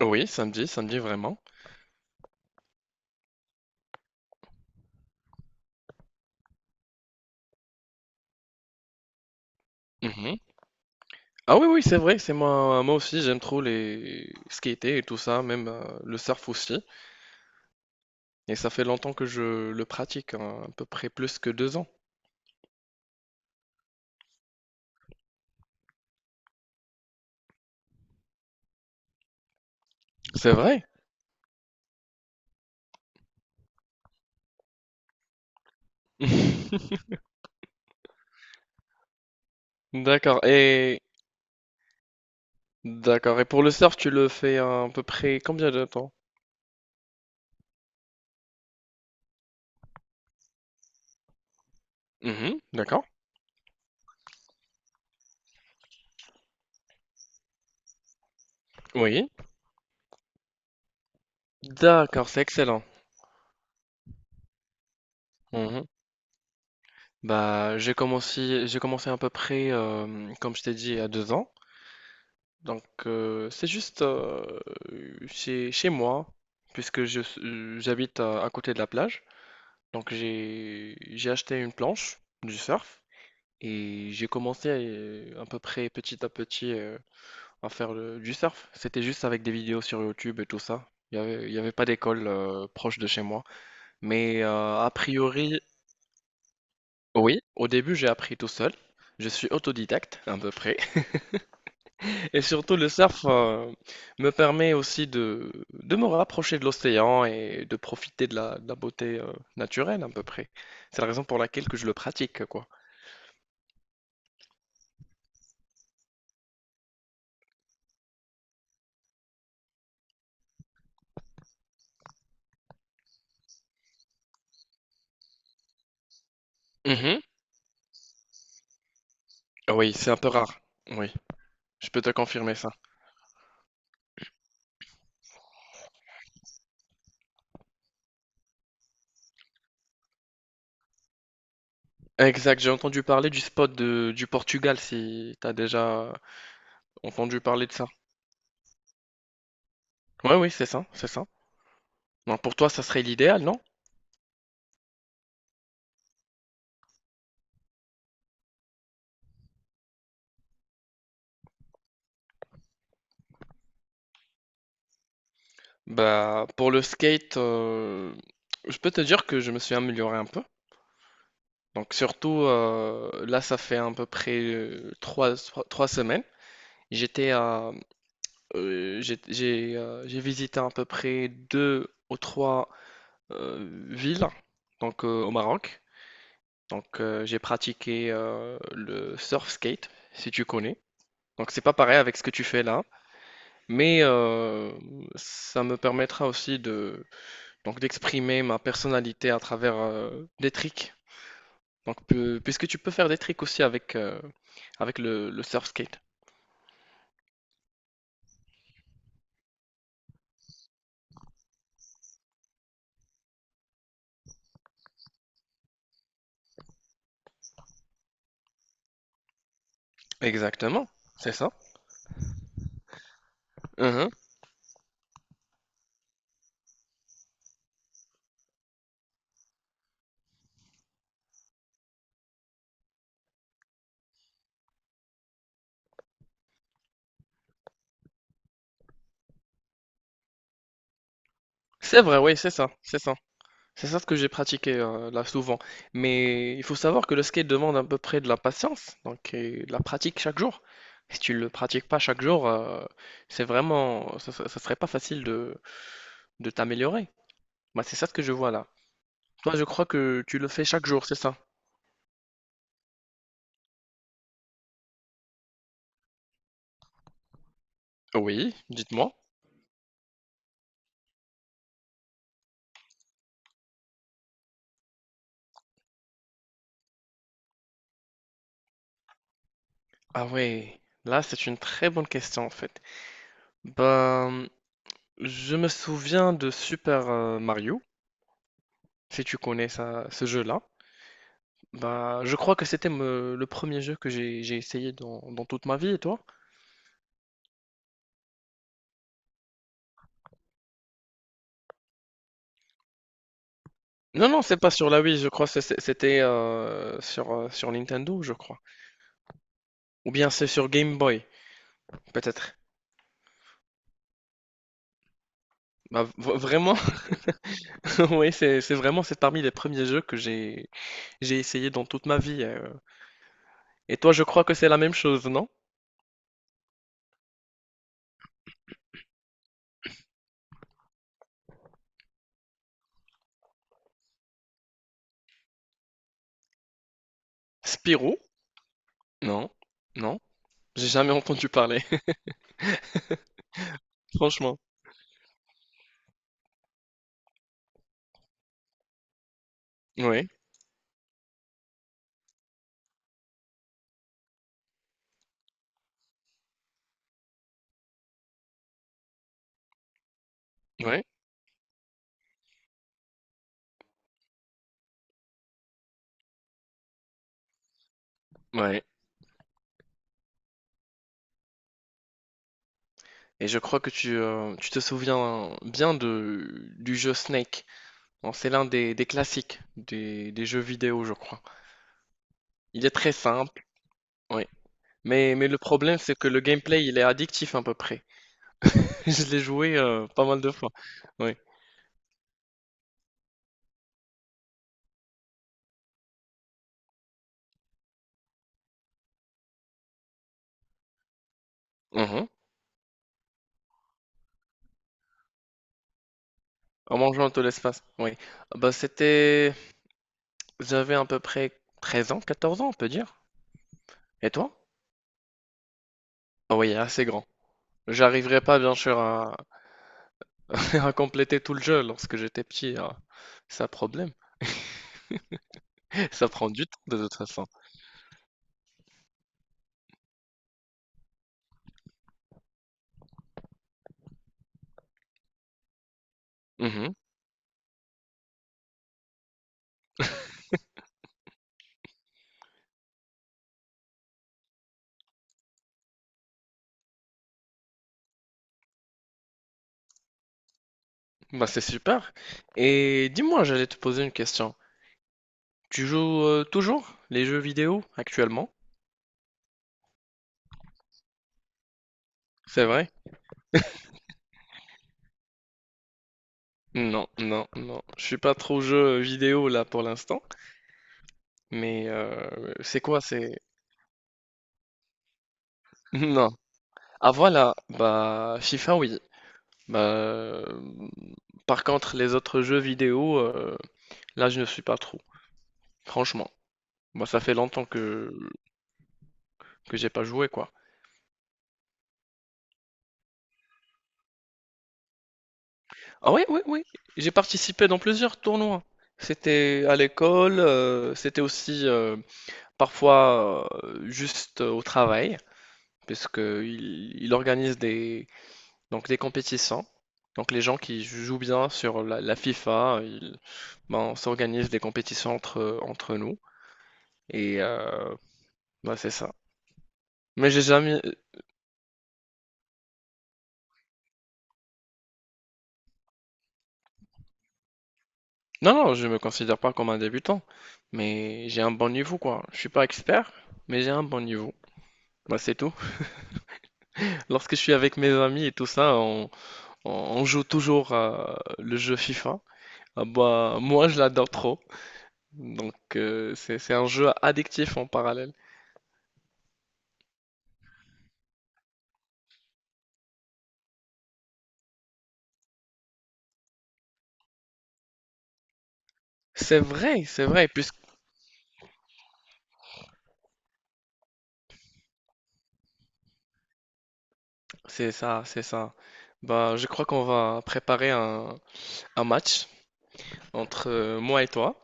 Oui, samedi, samedi vraiment. Mmh. Ah oui, oui, c'est vrai, c'est moi aussi, j'aime trop les skater et tout ça, même, le surf aussi, et ça fait longtemps que je le pratique, hein, à peu près plus que 2 ans. C'est vrai? D'accord et d'accord, et pour le surf, tu le fais à peu près combien de temps? Mmh, d'accord. Oui. D'accord, c'est excellent. Mmh. Bah, j'ai commencé à peu près, comme je t'ai dit, à 2 ans. Donc, c'est juste chez moi, puisque j'habite à côté de la plage. Donc, j'ai acheté une planche du surf et j'ai commencé à peu près petit à petit, à faire du surf. C'était juste avec des vidéos sur YouTube et tout ça. Il y avait pas d'école proche de chez moi. Mais a priori, oui, au début, j'ai appris tout seul. Je suis autodidacte, à peu près. Et surtout, le surf me permet aussi de me rapprocher de l'océan et de profiter de de la beauté naturelle à peu près. C'est la raison pour laquelle que je le pratique, quoi. Mhm. Ah oui, c'est un peu rare. Oui, je peux te confirmer ça. Exact, j'ai entendu parler du spot du Portugal, si t'as déjà entendu parler de ça. Oui, oui, c'est ça, c'est ça. Non, pour toi, ça serait l'idéal, non? Bah, pour le skate, je peux te dire que je me suis amélioré un peu. Donc surtout, là, ça fait à peu près trois semaines. J'étais à, j'ai visité à peu près deux ou trois villes donc, au Maroc. Donc j'ai pratiqué le surf skate, si tu connais. Donc c'est pas pareil avec ce que tu fais là, mais ça me permettra aussi de d'exprimer ma personnalité à travers des tricks. Donc, puisque tu peux faire des tricks aussi avec le surf skate. Exactement, c'est ça. Mhm. C'est vrai, oui, c'est ça, c'est ça. C'est ça ce que j'ai pratiqué là souvent. Mais il faut savoir que le skate demande à peu près de la patience, donc, et de la pratique chaque jour. Si tu le pratiques pas chaque jour, c'est vraiment, ça serait pas facile de t'améliorer. Bah, c'est ça ce que je vois là. Toi, je crois que tu le fais chaque jour, c'est ça? Oui, dites-moi. Ah ouais, là c'est une très bonne question en fait. Ben, je me souviens de Super Mario, si tu connais ça, ce jeu-là. Bah, je crois que c'était le premier jeu que j'ai essayé dans toute ma vie, et toi? Non, non, c'est pas sur la Wii, je crois que c'était sur Nintendo, je crois. Ou bien c'est sur Game Boy, peut-être. Bah, vraiment, oui, c'est vraiment, c'est parmi les premiers jeux que j'ai essayé dans toute ma vie. Et toi, je crois que c'est la même chose, non? Spirou? Non, non, j'ai jamais entendu parler, franchement. Oui, oui, oui. Et je crois que tu te souviens bien du jeu Snake. Bon, c'est l'un des classiques des jeux vidéo, je crois. Il est très simple, oui. Mais le problème, c'est que le gameplay, il est addictif à peu près. Je l'ai joué pas mal de fois. Oui. Mhm. En mangeant tout l'espace. Oui. Ah bah, c'était... J'avais à peu près 13 ans, 14 ans, on peut dire. Et toi? Ah oui, assez grand. J'arriverai pas, bien sûr, à, à compléter tout le jeu lorsque j'étais petit, hein. C'est un problème. Ça prend du temps de toute façon. Mmh. Bah, c'est super, et dis-moi, j'allais te poser une question. Tu joues, toujours les jeux vidéo actuellement? C'est vrai? Non, non, non, je suis pas trop jeu vidéo là pour l'instant, mais c'est quoi? C'est non. Ah voilà, bah, FIFA oui. Bah, hem, par contre les autres jeux vidéo, là je ne suis pas trop, franchement. Bah, ça fait longtemps que j'ai pas joué quoi. Ah oui, oui, oui. J'ai participé dans plusieurs tournois. C'était à l'école, c'était aussi parfois juste au travail, puisque que il organise donc des compétitions. Donc les gens qui jouent bien sur la FIFA, ben, on s'organise des compétitions entre nous. Et ben, c'est ça. Mais j'ai jamais... Non, non, je me considère pas comme un débutant, mais j'ai un bon niveau, quoi. Je suis pas expert, mais j'ai un bon niveau. Bah, c'est tout. Lorsque je suis avec mes amis et tout ça, on, on joue toujours à le jeu FIFA. Ah bah, moi, je l'adore trop. Donc, c'est un jeu addictif en parallèle. C'est vrai, puisque c'est ça, c'est ça. Bah, je crois qu'on va préparer un match entre moi et toi,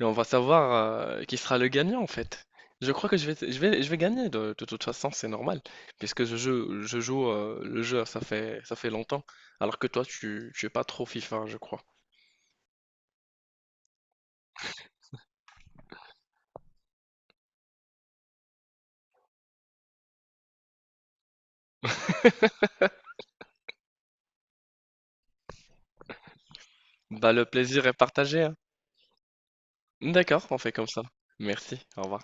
et on va savoir qui sera le gagnant en fait. Je crois que je vais gagner de toute façon, c'est normal, puisque je joue le jeu, ça fait longtemps, alors que toi, tu es pas trop FIFA, je crois. Bah, le plaisir est partagé, hein. D'accord, on fait comme ça. Merci, au revoir.